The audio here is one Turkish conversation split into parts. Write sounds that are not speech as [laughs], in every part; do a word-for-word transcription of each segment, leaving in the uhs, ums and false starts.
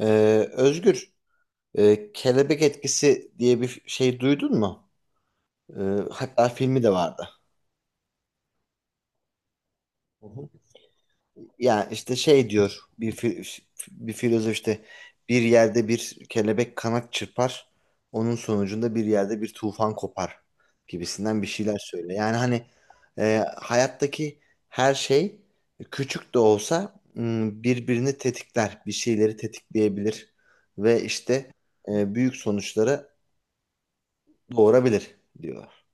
Ee, Özgür, e, Kelebek Etkisi diye bir şey duydun mu? Ee, hatta filmi de vardı. Hı hı. Yani işte şey diyor bir fi- bir filozof işte bir yerde bir kelebek kanat çırpar, onun sonucunda bir yerde bir tufan kopar gibisinden bir şeyler söyle. Yani hani e, hayattaki her şey küçük de olsa m, birbirini tetikler, bir şeyleri tetikleyebilir ve işte e, büyük sonuçlara doğurabilir diyorlar.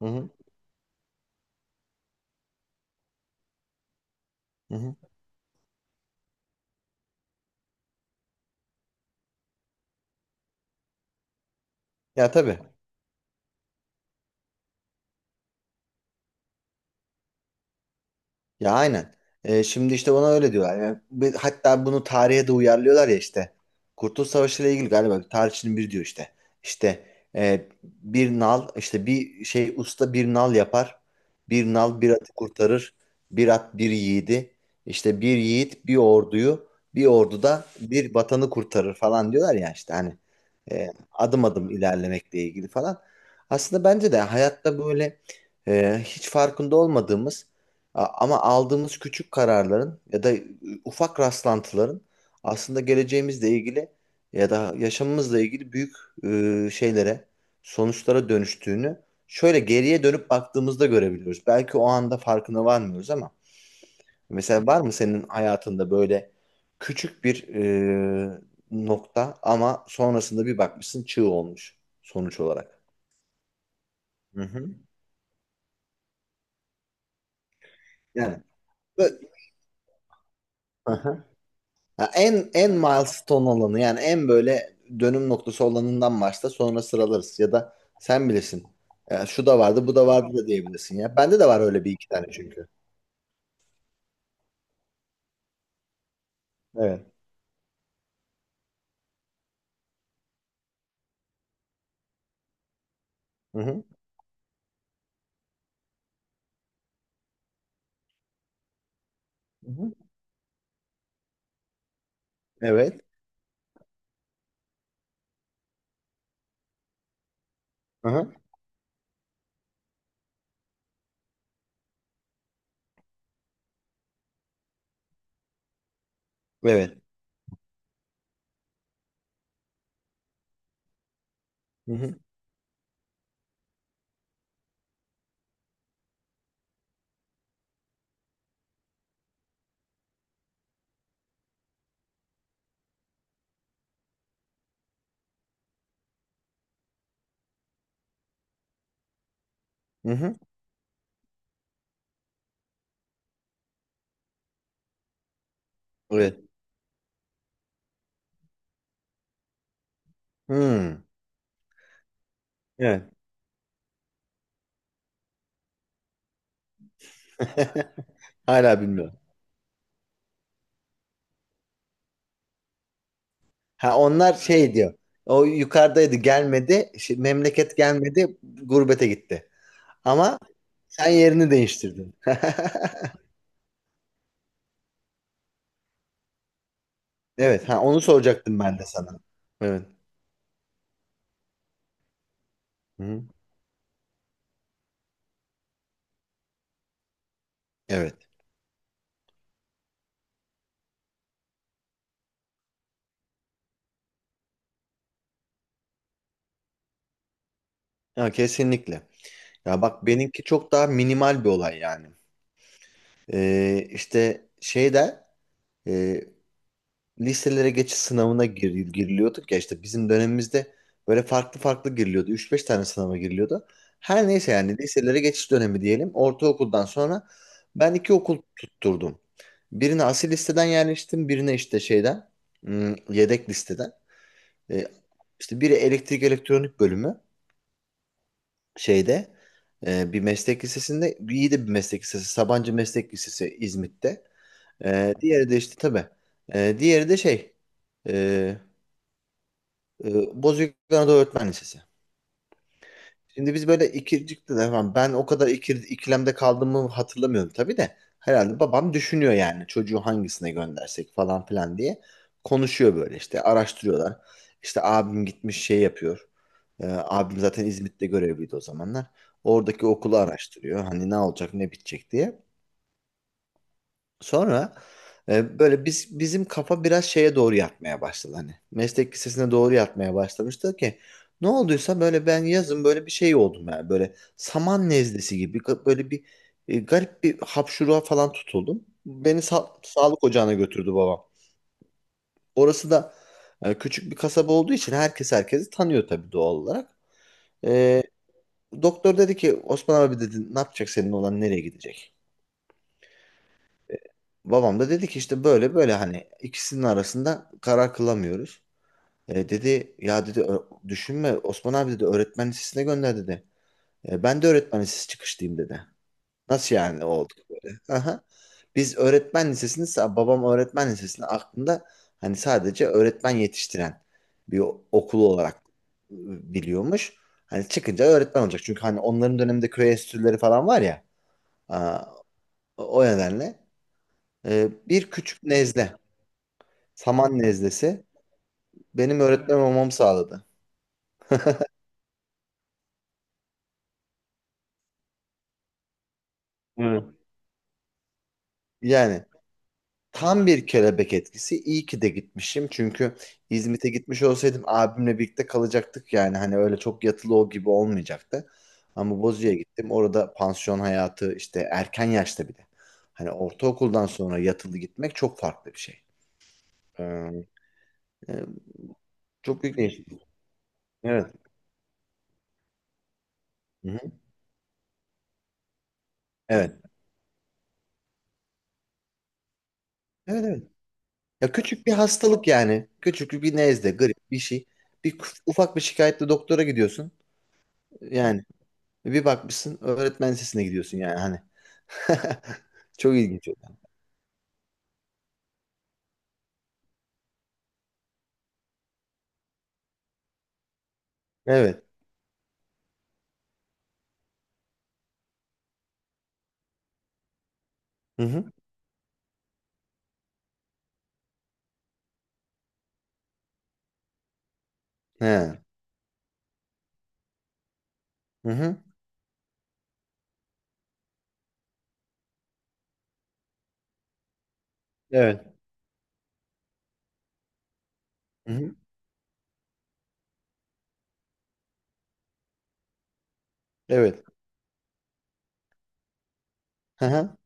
Hı hı. Hı hı. Ya tabii. Ya aynen. Ee, şimdi işte ona öyle diyorlar. Yani bir- hatta bunu tarihe de uyarlıyorlar ya işte. Kurtuluş Savaşı ile ilgili galiba bir tarihçinin biri diyor işte. İşte e, bir nal işte bir şey usta bir nal yapar. Bir nal bir atı kurtarır. Bir at bir yiğidi. İşte bir yiğit bir orduyu bir ordu da bir vatanı kurtarır falan diyorlar ya işte hani e, adım adım ilerlemekle ilgili falan. Aslında bence de hayatta böyle e, hiç farkında olmadığımız A- ama aldığımız küçük kararların ya da ıı, ufak rastlantıların aslında geleceğimizle ilgili ya da yaşamımızla ilgili büyük e, şeylere, sonuçlara dönüştüğünü şöyle geriye dönüp baktığımızda görebiliyoruz. Belki o anda farkına varmıyoruz ama mesela var mı senin hayatında böyle küçük bir e, nokta ama sonrasında bir bakmışsın çığ olmuş sonuç olarak? Hı hı. Yani böyle... Ya en en milestone olanı yani en böyle dönüm noktası olanından başla, sonra sıralarız ya da sen bilirsin. Ya şu da vardı, bu da vardı da diyebilirsin ya. Bende de var öyle bir iki tane çünkü. Evet. Hı hı. Hı hı. Evet. Hı hı. Evet. Hı hı. Hı hı. Evet. Hmm. Evet. [laughs] Hala bilmiyorum. Ha, onlar şey diyor. O yukarıdaydı, gelmedi. Şey, memleket gelmedi, gurbete gitti. Ama sen yerini değiştirdin. [laughs] Evet, ha onu soracaktım ben de sana. Evet. Hı. Evet. Ya kesinlikle. Ya bak, benimki çok daha minimal bir olay yani. Ee, işte şeyde, e, liselere geçiş sınavına gir, giriliyorduk ya işte bizim dönemimizde, böyle farklı farklı giriliyordu. Üç beş tane sınava giriliyordu. Her neyse, yani liselere geçiş dönemi diyelim. Ortaokuldan sonra ben iki okul tutturdum. Birine asil listeden yerleştim, birine işte şeyden, hmm, yedek listeden. E, işte biri elektrik elektronik bölümü şeyde, e, bir meslek lisesinde, iyi de bir meslek lisesi, Sabancı Meslek Lisesi İzmit'te. E, diğeri de işte tabii. E, diğeri de şey, e, e, Bozüyük Anadolu Öğretmen Lisesi. Şimdi biz böyle ikircikti de falan. Ben o kadar ikir, ikilemde kaldığımı hatırlamıyorum tabii de. Herhalde babam düşünüyor, yani çocuğu hangisine göndersek falan filan diye. Konuşuyor böyle, işte araştırıyorlar. İşte abim gitmiş şey yapıyor. Ee, abim zaten İzmit'te görevliydi o zamanlar. Oradaki okulu araştırıyor. Hani ne olacak ne bitecek diye. Sonra e, böyle biz bizim kafa biraz şeye doğru yatmaya başladı hani. Meslek lisesine doğru yatmaya başlamıştı ki ne olduysa böyle, ben yazın böyle bir şey oldum, yani böyle saman nezlesi gibi ga- böyle bir e, garip bir hapşuruğa falan tutuldum. Beni sa- sağlık ocağına götürdü babam. Orası da e, küçük bir kasaba olduğu için herkes herkesi tanıyor tabii, doğal olarak. E, doktor dedi ki, Osman abi dedi, ne yapacak senin olan, nereye gidecek? Babam da dedi ki, işte böyle böyle, hani ikisinin arasında karar kılamıyoruz. E, dedi ya, dedi: "ö- düşünme Osman abi, dedi, öğretmen lisesine gönder, dedi. "E, ben de öğretmen lisesi çıkışlıyım," dedi. Nasıl yani olduk böyle? [laughs] Aha. Biz öğretmen lisesini sa- babam öğretmen lisesini aklında, hani sadece öğretmen yetiştiren bir o- okulu olarak e, biliyormuş. Hani çıkınca öğretmen olacak. Çünkü hani onların döneminde köy enstitüleri falan var ya. Aa, o o nedenle e, bir küçük nezle, saman nezlesi benim öğretmen olmamı sağladı. Evet. Yani tam bir kelebek etkisi. İyi ki de gitmişim. Çünkü İzmit'e gitmiş olsaydım abimle birlikte kalacaktık. Yani hani öyle çok yatılı o gibi olmayacaktı. Ama Bozüyük'e gittim. Orada pansiyon hayatı işte, erken yaşta bile. Hani ortaokuldan sonra yatılı gitmek çok farklı bir şey. Ee, e, çok büyük değişiklik. Evet. Hı hı. Evet. Evet. Evet. Ya küçük bir hastalık yani. Küçük bir nezle, grip bir şey. Bir kuf- ufak bir şikayetle doktora gidiyorsun. Yani bir bakmışsın öğretmen sesine gidiyorsun yani, hani. [laughs] Çok ilginç. Evet. Hı hı. He. Hı hı. Evet. Hı hı. Evet. Hı hı.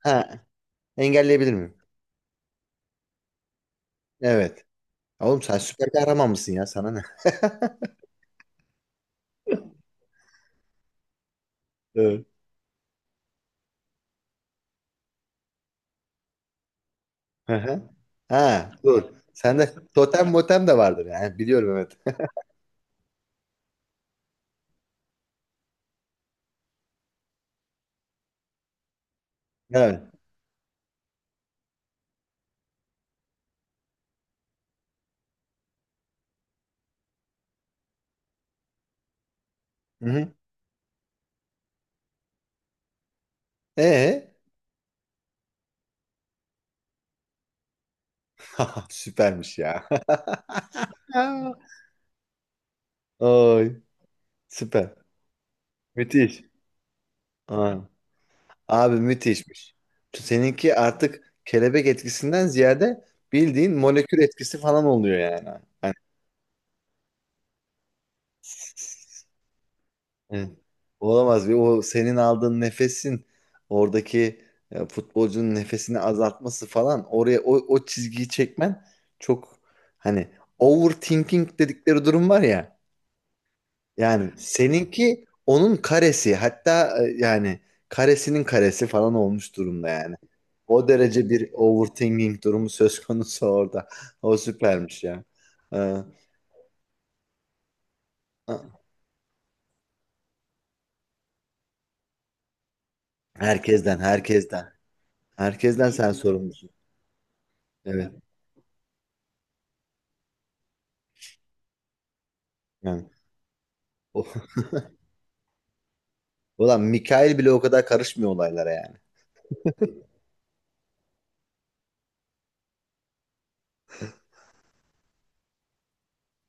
Ha. Engelleyebilir miyim? Evet. Oğlum, sen süper kahraman mısın ya? Sana ne? [laughs] Evet. Hı hı. Ha, dur. Sende totem motem de vardır yani. Biliyorum, evet. [laughs] Evet. Hı hı. Ee? [laughs] Süpermiş ya. [laughs] Ay, süper. Müthiş. Aa, abi müthişmiş. Seninki artık kelebek etkisinden ziyade bildiğin molekül etkisi falan oluyor yani. Hani, evet. Olamaz. Bir o senin aldığın nefesin, oradaki e, futbolcunun nefesini azaltması falan, oraya o, o çizgiyi çekmen, çok hani overthinking dedikleri durum var ya. Yani seninki onun karesi, hatta e, yani karesinin karesi falan olmuş durumda yani. O derece bir overthinking durumu söz konusu orada. [laughs] O süpermiş ya. Ee, a- herkesten, herkesten. Herkesten sen sorumlusun. Evet. Yani. [laughs] o- Ulan Mikail bile o kadar karışmıyor olaylara yani.